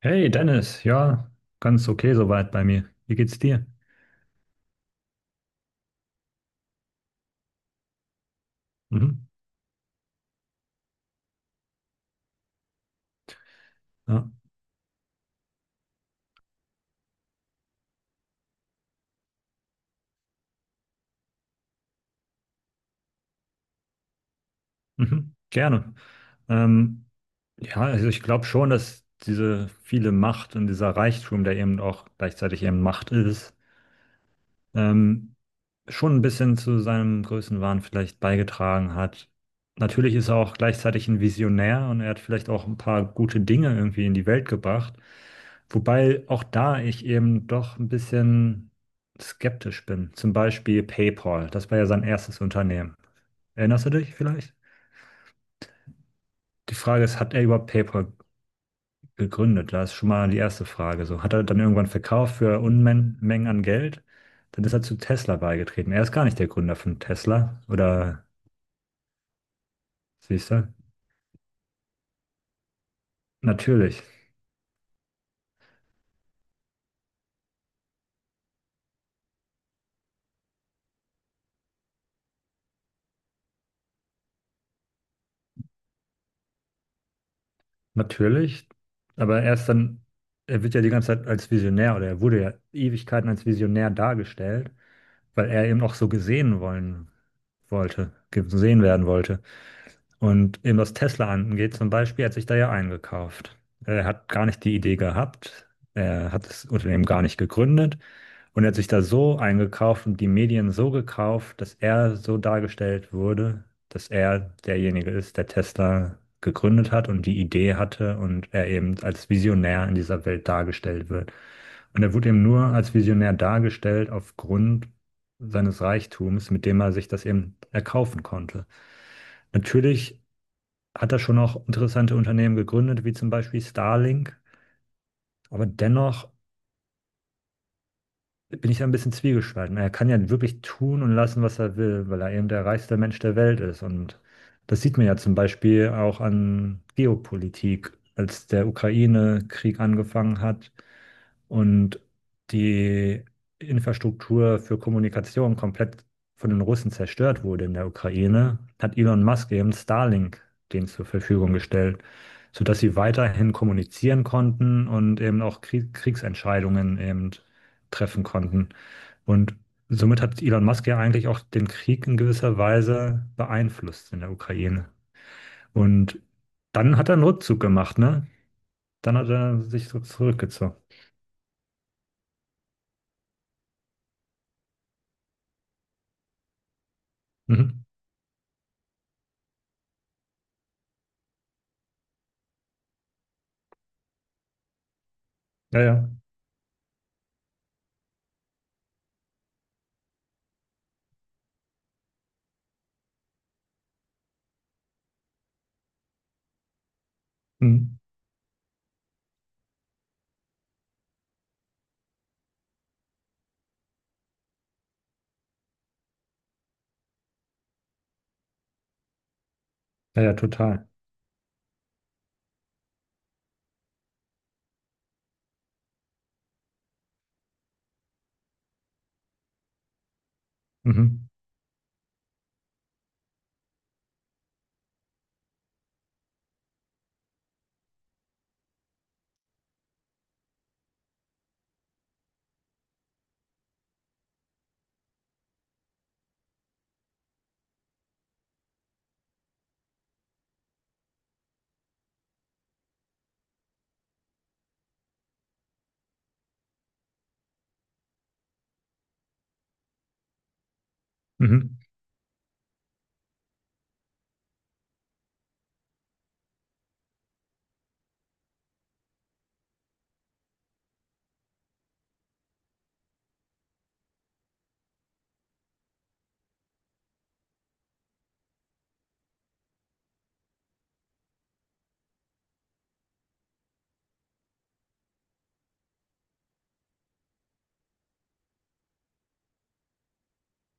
Hey Dennis, ja, ganz okay soweit bei mir. Wie geht's dir? Mhm, ja, mhm, gerne. Ähm, ja, also ich glaube schon, dass diese viele Macht und dieser Reichtum, der eben auch gleichzeitig eben Macht ist, ähm, schon ein bisschen zu seinem Größenwahn vielleicht beigetragen hat. Natürlich ist er auch gleichzeitig ein Visionär und er hat vielleicht auch ein paar gute Dinge irgendwie in die Welt gebracht. Wobei auch da ich eben doch ein bisschen skeptisch bin. Zum Beispiel PayPal, das war ja sein erstes Unternehmen. Erinnerst du dich vielleicht? Die Frage ist, hat er überhaupt PayPal gegründet? Da ist schon mal die erste Frage. So, hat er dann irgendwann verkauft für Unmengen an Geld? Dann ist er zu Tesla beigetreten. Er ist gar nicht der Gründer von Tesla oder? Siehst du? Natürlich, natürlich. Aber erst dann, er wird ja die ganze Zeit als Visionär, oder er wurde ja Ewigkeiten als Visionär dargestellt, weil er eben auch so gesehen gesehen werden wollte. Und eben was Tesla angeht, zum Beispiel, er hat sich da ja eingekauft. Er hat gar nicht die Idee gehabt. Er hat das Unternehmen gar nicht gegründet. Und er hat sich da so eingekauft und die Medien so gekauft, dass er so dargestellt wurde, dass er derjenige ist, der Tesla gegründet hat und die Idee hatte und er eben als Visionär in dieser Welt dargestellt wird. Und er wurde eben nur als Visionär dargestellt aufgrund seines Reichtums, mit dem er sich das eben erkaufen konnte. Natürlich hat er schon auch interessante Unternehmen gegründet, wie zum Beispiel Starlink, aber dennoch bin ich da ein bisschen zwiegespalten. Er kann ja wirklich tun und lassen, was er will, weil er eben der reichste Mensch der Welt ist. Und das sieht man ja zum Beispiel auch an Geopolitik. Als der Ukraine-Krieg angefangen hat und die Infrastruktur für Kommunikation komplett von den Russen zerstört wurde in der Ukraine, hat Elon Musk eben Starlink denen zur Verfügung gestellt, sodass sie weiterhin kommunizieren konnten und eben auch Kriegsentscheidungen eben treffen konnten. Und somit hat Elon Musk ja eigentlich auch den Krieg in gewisser Weise beeinflusst in der Ukraine. Und dann hat er einen Rückzug gemacht, ne? Dann hat er sich so zurückgezogen. Mhm. Ja, ja. Mhm. Ja, ja, total. Mhm. Mhm.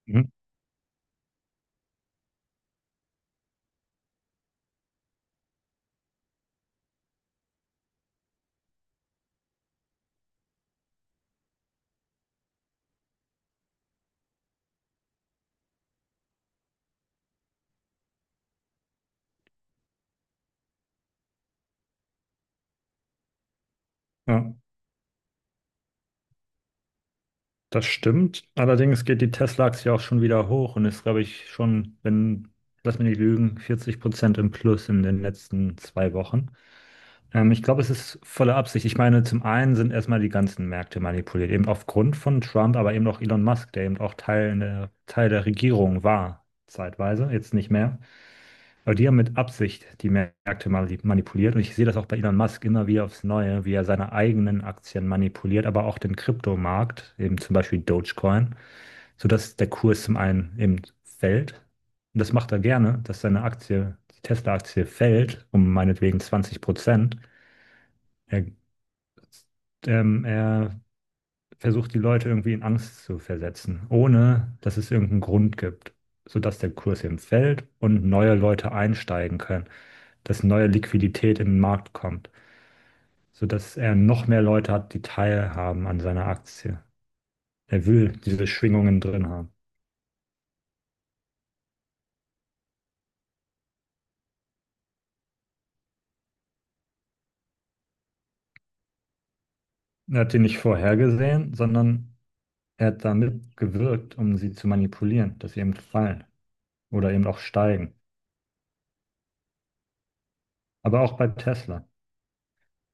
Mhm. Ja, das stimmt. Allerdings geht die Tesla-Aktie auch schon wieder hoch und ist, glaube ich, schon, wenn, lass mich nicht lügen, 40% im Plus in den letzten 2 Wochen. Ich glaube, es ist volle Absicht. Ich meine, zum einen sind erstmal die ganzen Märkte manipuliert, eben aufgrund von Trump, aber eben auch Elon Musk, der eben auch Teil der Regierung war, zeitweise, jetzt nicht mehr. Aber die haben mit Absicht die Märkte manipuliert. Und ich sehe das auch bei Elon Musk immer wieder aufs Neue, wie er seine eigenen Aktien manipuliert, aber auch den Kryptomarkt, eben zum Beispiel Dogecoin, sodass der Kurs zum einen eben fällt. Und das macht er gerne, dass seine Aktie, die Tesla-Aktie, fällt, um meinetwegen 20%. Er er versucht die Leute irgendwie in Angst zu versetzen, ohne dass es irgendeinen Grund gibt, sodass der Kurs eben fällt und neue Leute einsteigen können, dass neue Liquidität in den Markt kommt, sodass er noch mehr Leute hat, die teilhaben an seiner Aktie. Er will diese Schwingungen drin haben. Er hat die nicht vorhergesehen, sondern er hat damit gewirkt, um sie zu manipulieren, dass sie eben fallen oder eben auch steigen. Aber auch bei Tesla.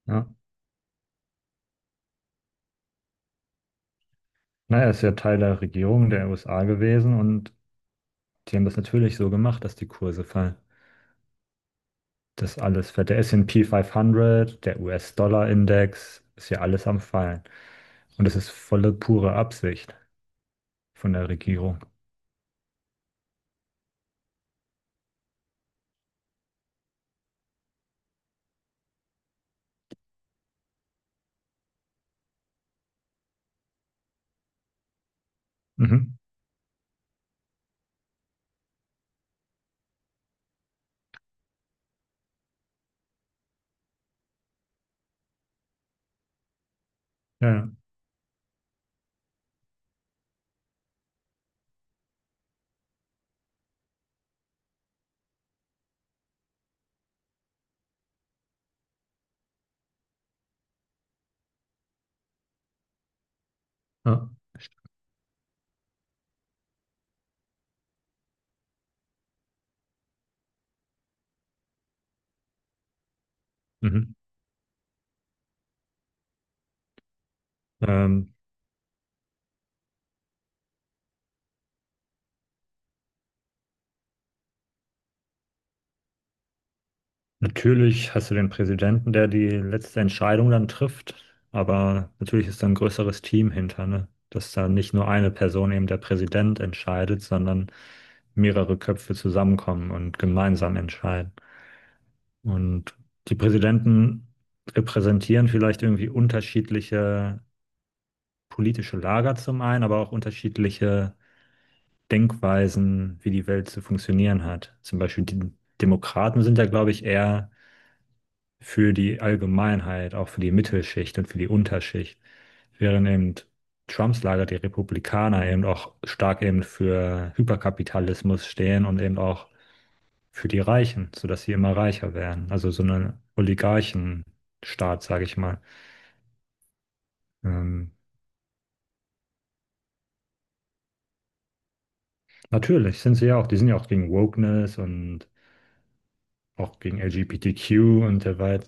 Ja, naja, ist ja Teil der Regierung der USA gewesen, und die haben das natürlich so gemacht, dass die Kurse fallen. Das alles fällt. Der S&P 500, der US-Dollar-Index, ist ja alles am Fallen. Und das ist volle pure Absicht von der Regierung. Mhm. Ja, ja. Ja. Mhm. Ähm, natürlich hast du den Präsidenten, der die letzte Entscheidung dann trifft, aber natürlich ist da ein größeres Team hinter, ne? Dass da nicht nur eine Person, eben der Präsident, entscheidet, sondern mehrere Köpfe zusammenkommen und gemeinsam entscheiden. Und die Präsidenten repräsentieren vielleicht irgendwie unterschiedliche politische Lager zum einen, aber auch unterschiedliche Denkweisen, wie die Welt zu funktionieren hat. Zum Beispiel, die Demokraten sind ja, glaube ich, eher für die Allgemeinheit, auch für die Mittelschicht und für die Unterschicht, während eben Trumps Lager, die Republikaner, eben auch stark eben für Hyperkapitalismus stehen und eben auch für die Reichen, sodass sie immer reicher werden. Also so ein Oligarchenstaat, sage ich mal. Ähm, natürlich sind sie ja auch, die sind ja auch gegen Wokeness und auch gegen LGBTQ und so weiter.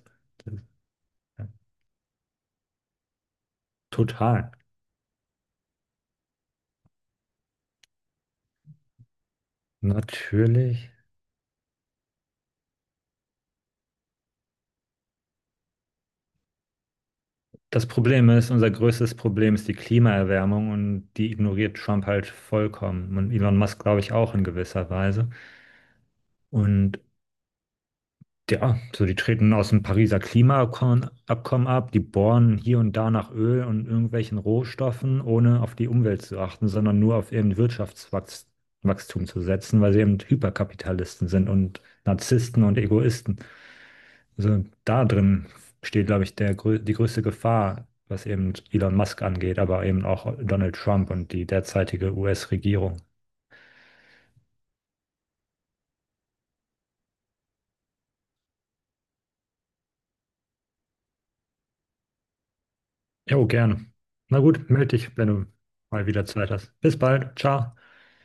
Total. Natürlich. Das Problem ist, unser größtes Problem ist die Klimaerwärmung, und die ignoriert Trump halt vollkommen. Und Elon Musk, glaube ich, auch in gewisser Weise. Und ja, so, die treten aus dem Pariser Klimaabkommen Abkommen ab, die bohren hier und da nach Öl und irgendwelchen Rohstoffen, ohne auf die Umwelt zu achten, sondern nur auf eben Wirtschaftswachstum zu setzen, weil sie eben Hyperkapitalisten sind und Narzissten und Egoisten. Also da drin steht, glaube ich, die größte Gefahr, was eben Elon Musk angeht, aber eben auch Donald Trump und die derzeitige US-Regierung. Jo, gerne. Na gut, melde dich, wenn du mal wieder Zeit hast. Bis bald. Ciao.